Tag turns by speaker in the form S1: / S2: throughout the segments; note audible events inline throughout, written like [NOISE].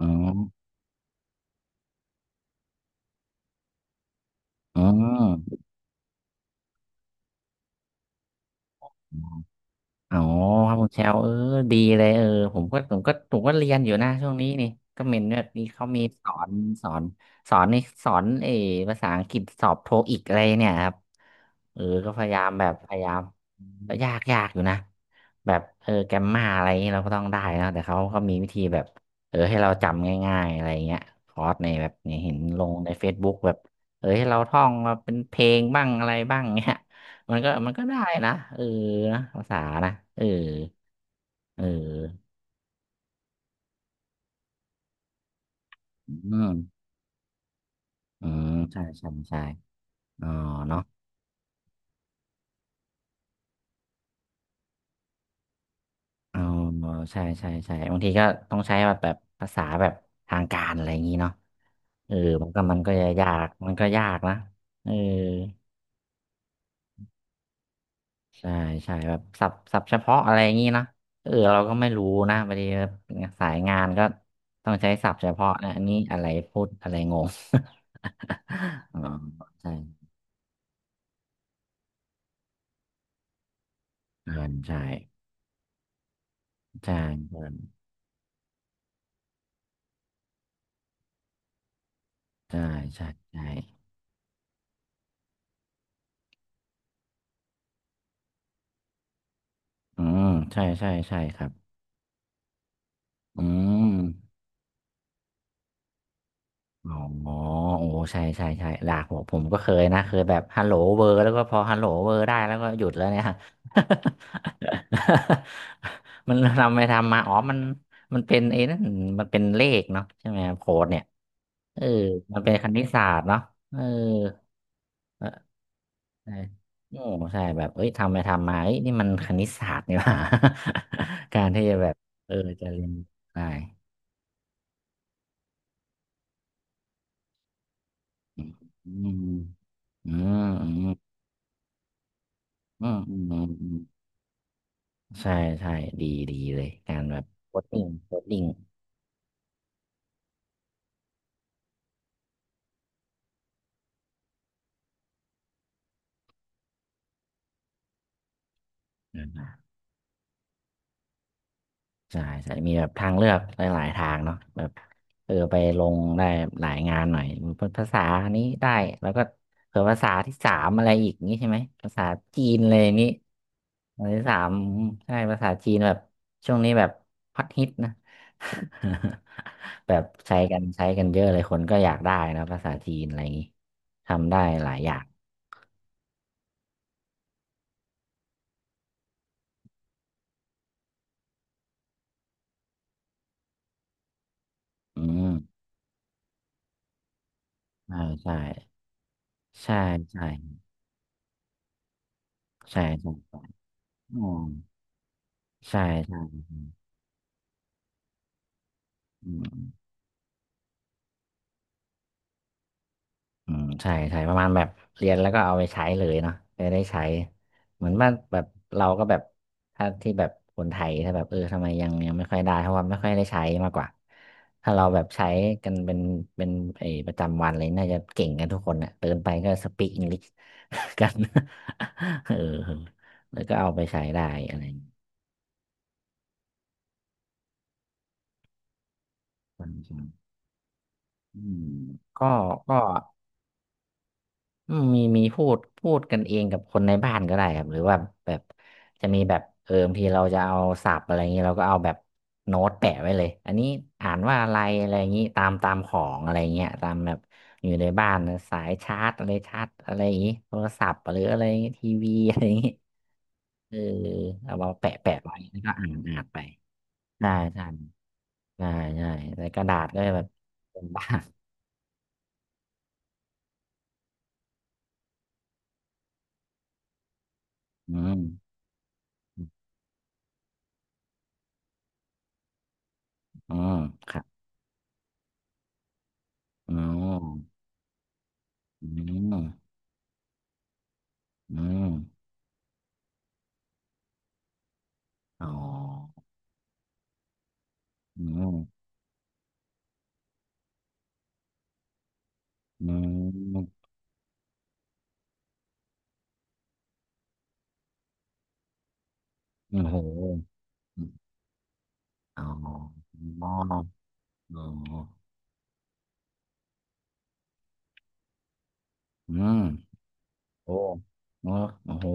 S1: อ๋ออ๋ออ๋อครับคุณแชวดีเลยผมก็เรียนอยู่นะช่วงนี้นี่ก็เมนเนี่ยนี่เขามีสอนสอนนี่สอนภาษาอังกฤษสอบโทอีกอะไรเนี่ยครับก็พยายามก็ยากอยู่นะแบบแกมมาอะไรอย่างนี้เราก็ต้องได้นะแต่เขาก็มีวิธีแบบให้เราจำง่ายๆอะไรเงี้ยคอร์สในแบบเนี่ยเห็นลงใน Facebook แบบให้เราท่องมาเป็นเพลงบ้างอะไรบ้างเงี้ย มันก็ได้นะนะภาษานะเอออืมอืมใช่ใช่ใช่อ๋อเนาะเออใช่ใช่ใช่บางทีก็ต้องใช้แบบภาษาแบบทางการอะไรอย่างนี้เนาะเออมันก็ยากมันก็ยากนะเออใช่ใช่แบบศัพท์เฉพาะอะไรอย่างนี้นะเราก็ไม่รู้นะบางทีสายงานก็ต้องใช้ศัพท์เฉพาะนะอันนี้อะไรพูดอะไรงง [LAUGHS] อ๋อใช่ เกินใช่ใช่เหมนใช่ใช่ใช่อืมใช่ใช่ใช่ครับอืม อ๋อโอ้ใช่ใช่ใช่หลากผมก็เคยนะเคยแบบฮัลโหลเวอร์แล้วก็พอฮัลโหลเวอร์ได้แล้วก็หยุดแล้วเนี่ย [LAUGHS] มันทำไปทำมาอ๋อมันมันเป็นไอ้นั่นมันเป็นเลขเนาะใช่ไหมครับโค้ดเนี่ยเออมันเป็นคณิตศาสตร์เนาะเออเออใช่โอ้ใช่แบบเอ้ยทำไปทำมาเอ้ยนี่มันคณิตศาสตร์นี่หว่า [LAUGHS] การที่จะแบบเออจะเรียนได้อืมอืมอืม อืมอืมอืมอืมใช่ใช่ดีดีเลย การแบบโคดดิ้งอมใช่ใช่มีแบบทางเลือกหลายๆทางเนาะแบบไปลงได้หลายงานหน่อยภาษานี้ได้ แล้วก็เผื่อภาษาที่สามอะไรอีกนี้ใช่ไหมภาษาจีนเลยนี้ภาษาที่สามอืมใช่ภาษาจีนแบบช่วงนี้แบบฮอตฮิตนะ [LAUGHS] แบบใช้กันเยอะเลยคนก็อยากได้นะภาษาจีนอะไรอย่างนี้ทำได้หลายอย่างอืม ใช่ใช่ใช่ใช่ใช่ใช่อืมใช่ใช่อืมอืมใช่ใช่ประมาณแบบเรียนแล้วก็เอาไปใช้เลยเนาะไปได้ใช้เหมือนว่าแบบเราก็แบบถ้าที่แบบคนไทยถ้าแบบทำไมยังไม่ค่อยได้เพราะว่าไม่ค่อยได้ใช้มากกว่าถ้าเราแบบใช้กันเป็นเป็นไอ้ประจำวันเลยน่าจะเก่งกันทุกคนเน่ยเดินไปก็สปีกอังกฤษกัน [LAUGHS] เออแล้วก็เอาไปใช้ได้อะไรอย่างงี้ อืมก็ก็อืมมีมีพูดกันเองกับคนในบ้านก็ได้ครับหรือว่าแบบจะมีแบบบางทีเราจะเอาศัพท์อะไรอย่างนี้เราก็เอาแบบโน้ตแปะไว้เลยอันนี้อ่านว่าอะไรอะไรอย่างนี้ตามของอะไรเงี้ยตามแบบอยู่ในบ้านนะสายชาร์จอะไรชาร์จอะไรอย่างนี้โทรศัพท์หรืออะไรอย่างงี้ทีวีอะไรอย่างนี้เออเอามาแปะไว้แล้วก็อ่านไปใช่ใช่ใช่ใช่ในกระดาษก็จะแบบเป็นบ้างอืมอืมครับ อ๋ออืมอืมอ๋ออืมอืมโอ้โหอ๋ออ๋ออ๋ออืมโอ้โอ้โอ้โห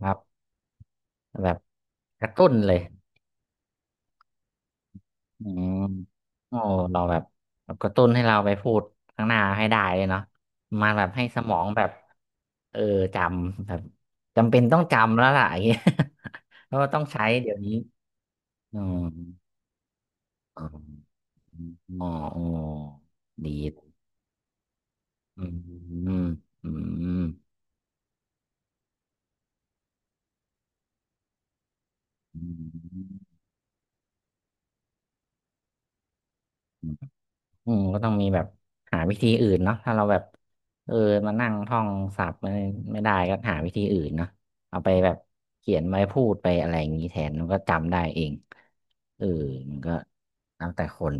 S1: ครับแบบกระตุ้นเลยอืมโอ้เราแบบแบบกระตุ้นให้เราไปพูดข้างหน้าให้ได้เลยเนาะมาแบบให้สมองแบบเออจำแบบจำเป็นต้องจำแล้วล่ะอย่างเงี้ย [LAUGHS] เพราะว่าต้องใช้เดี๋ยวนี้อืม อ๋ออ๋อดีอืมอืมอืมอืมอืมก็ต้องมีแบบหาวิธีอื่นเนาะถ้าเราแบบเออมานั่งท่องศัพท์ไม่ได้ก็หาวิธีอื่นเนาะเอาไปแบบเขียนไว้พูดไปอะไรอย่างนี้แทนมันก็จำได้เองเออมันก็แล้วแต่คน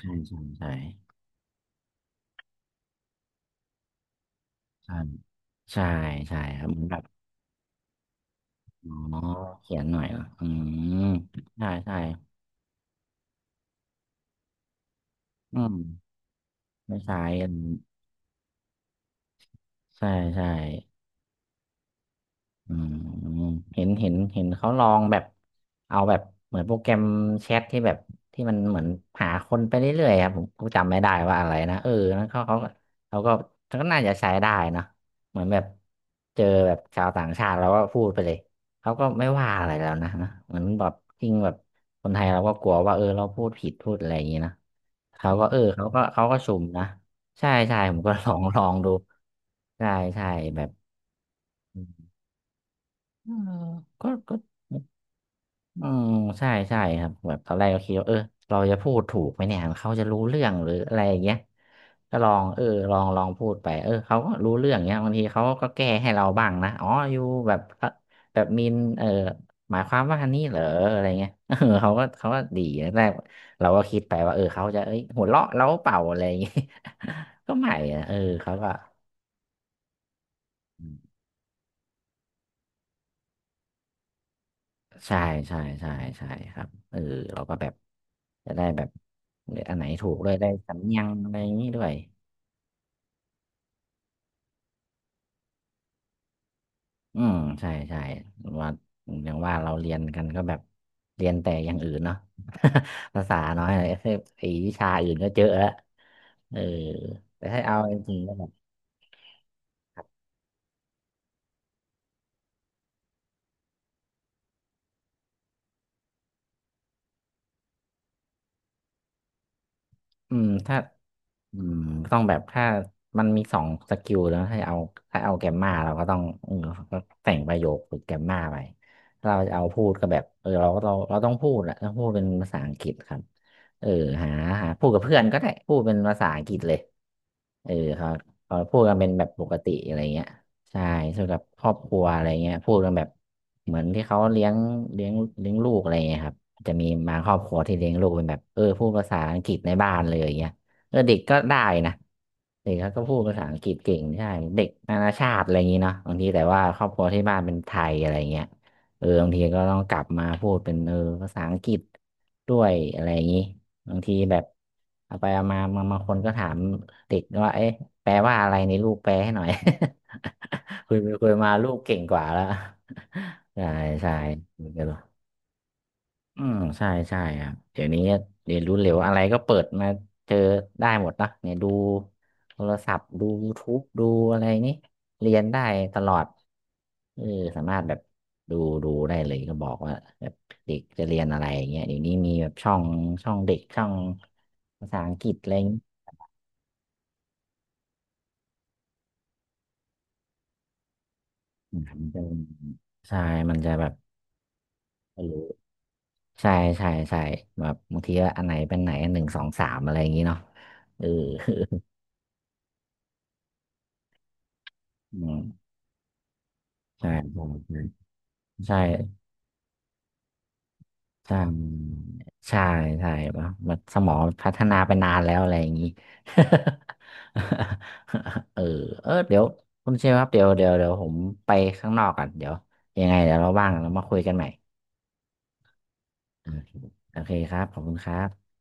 S1: ใช่ใช่ใช่ใช่ใช่ใช่ครับเหมือนแบบอ๋อเขียนหน่อยเหรออืมใช่ใช่อืมไม่ใช่ ใช่ใช่อืมเห็นเขาลองแบบเอาแบบเหมือนโปรแกรมแชทที่แบบที่มันเหมือนหาคนไปเรื่อยๆครับผมจำไม่ได้ว่าอะไรนะนั้นเขาก็เขาก็น่าจะใช้ได้นะเหมือนแบบเจอแบบชาวต่างชาติเราก็พูดไปเลยเขาก็ไม่ว่าอะไรแล้วนะนะเหมือนแบบจริงแบบคนไทยเราก็กลัวว่าเราพูดผิดพูดอะไรอย่างนี้นะเขาก็เขาก็สุ่มนะใช่ใช่ผมก็ [LAUGHS] ลองดูใช่ใช่แบบ เออก็อืมใช่ใช่ครับแบบตอนแรกก็คิดว่าเราจะพูดถูกไหมเนี่ยเขาจะรู้เรื่องหรืออะไรอย่างเงี้ยก็ลองลองลองพูดไปเขาก็รู้เรื่องเงี้ยบางทีเขาก็แก้ให้เราบ้างนะอ๋ออยู่แบบแบบมินหมายความว่าอันนี้เหรออะไรเงี้ย [LAUGHS] เขาก็ดีแรกเราก็คิดไปว่าเขาจะเอ้ยหัวเราะเราเปล่าอะไรอย่างเงี้ย [LAUGHS] ก็ไม่นะเขาก็ ใช่ใช่ใช่ใช่ครับเราก็แบบจะได้แบบเลือกอันไหนถูกด้วยได้สำเนียงอะไรอย่างนี้ด้วยอืมใช่ใช่ว่าอย่างว่าเราเรียนกันก็แบบเรียนแต่อย่างอื่นเนาะ [LAUGHS] ภาษาน้อยอะไรคือไอ้วิชาอื่นก็เจอะแล้วเออแต่ให้เอาจริงๆก็แบบ อืมถ้าอืมต้องแบบถ้ามันมีสองสกิลแล้วให้เอาถ้าเอาแกมมาเราก็ต้องก็แต่งประโยคฝึกแกมมาไปถ้าเราจะเอาพูดก็แบบเราก็เราต้องพูดแหละต้องพูดเป็นภาษาอังกฤษครับเออหาหาพูดกับเพื่อนก็ได้พูดเป็นภาษาอังกฤษเลยเออเขาเขาพูดกันเป็นแบบปกติอะไรเงี้ยใช่ส่วนกับครอบครัวอะไรเงี้ยพูดกันแบบเหมือนที่เขาเลี้ยงเลี้ยงลูกอะไรเงี้ยครับ จะมีบางครอบครัวที่เลี้ยงลูกเป็นแบบพูดภาษาอังกฤษในบ้านเลยอย่างเงี้ยเด็กก็ได้นะเด็กเขาก็พูดภาษาอังกฤษเก่งใช่เด็กนานาชาติอะไรอย่างงี้เนาะบางทีแต่ว่าครอบครัวที่บ้านเป็นไทยอะไรเงี้ยบางทีก็ต้องกลับมาพูดเป็นภาษาอังกฤษด้วยอะไรอย่างงี้บางทีแบบเอาไปเอามาบางคนก็ถามเด็กว่าเอ๊ะแปลว่าอะไรในลูกแปลให้หน่อย [LAUGHS] คุยไปคุยมาลูกเก่งกว่าแล้ว [LAUGHS] ใช่ใช่อ อืมใช่ใช่ครับเดี๋ยวนี้เรียนรู้เร็วอะไรก็เปิดมาเจอได้หมดนะเนี่ยดูโทรศัพท์ดู YouTube ดูอะไรนี่เรียนได้ตลอดเออสามารถแบบดูดูได้เลยก็บอกว่าแบบเด็กจะเรียนอะไรอย่างเงี้ยเดี๋ยวนี้มีแบบช่องช่องเด็กช่องภาษาอังกฤษอะไรอย่างเงี้ยมันจะใช่มันจะแบบไม่รู้ใช่ใช่ใช่แบบบางทีว่าอันไหนเป็นไหนหนึ่งสองสามอะไรอย่างงี้เนาะเออ [LAUGHS] อืมใช่ใช่ ใช่ใช่ใช่ใช่ปะมันสมองพัฒนาไปนานแล้วอะไรอย่างนี้ [LAUGHS] เออเดี๋ยวคุณเชฟครับเดี๋ยวเดี๋ยวเดี๋ยวผมไปข้างนอกก่อนเดี๋ยวยังไงเดี๋ยวเราว่างเรามาคุยกันใหม่โอเคโอเคครับขอบคุณครับ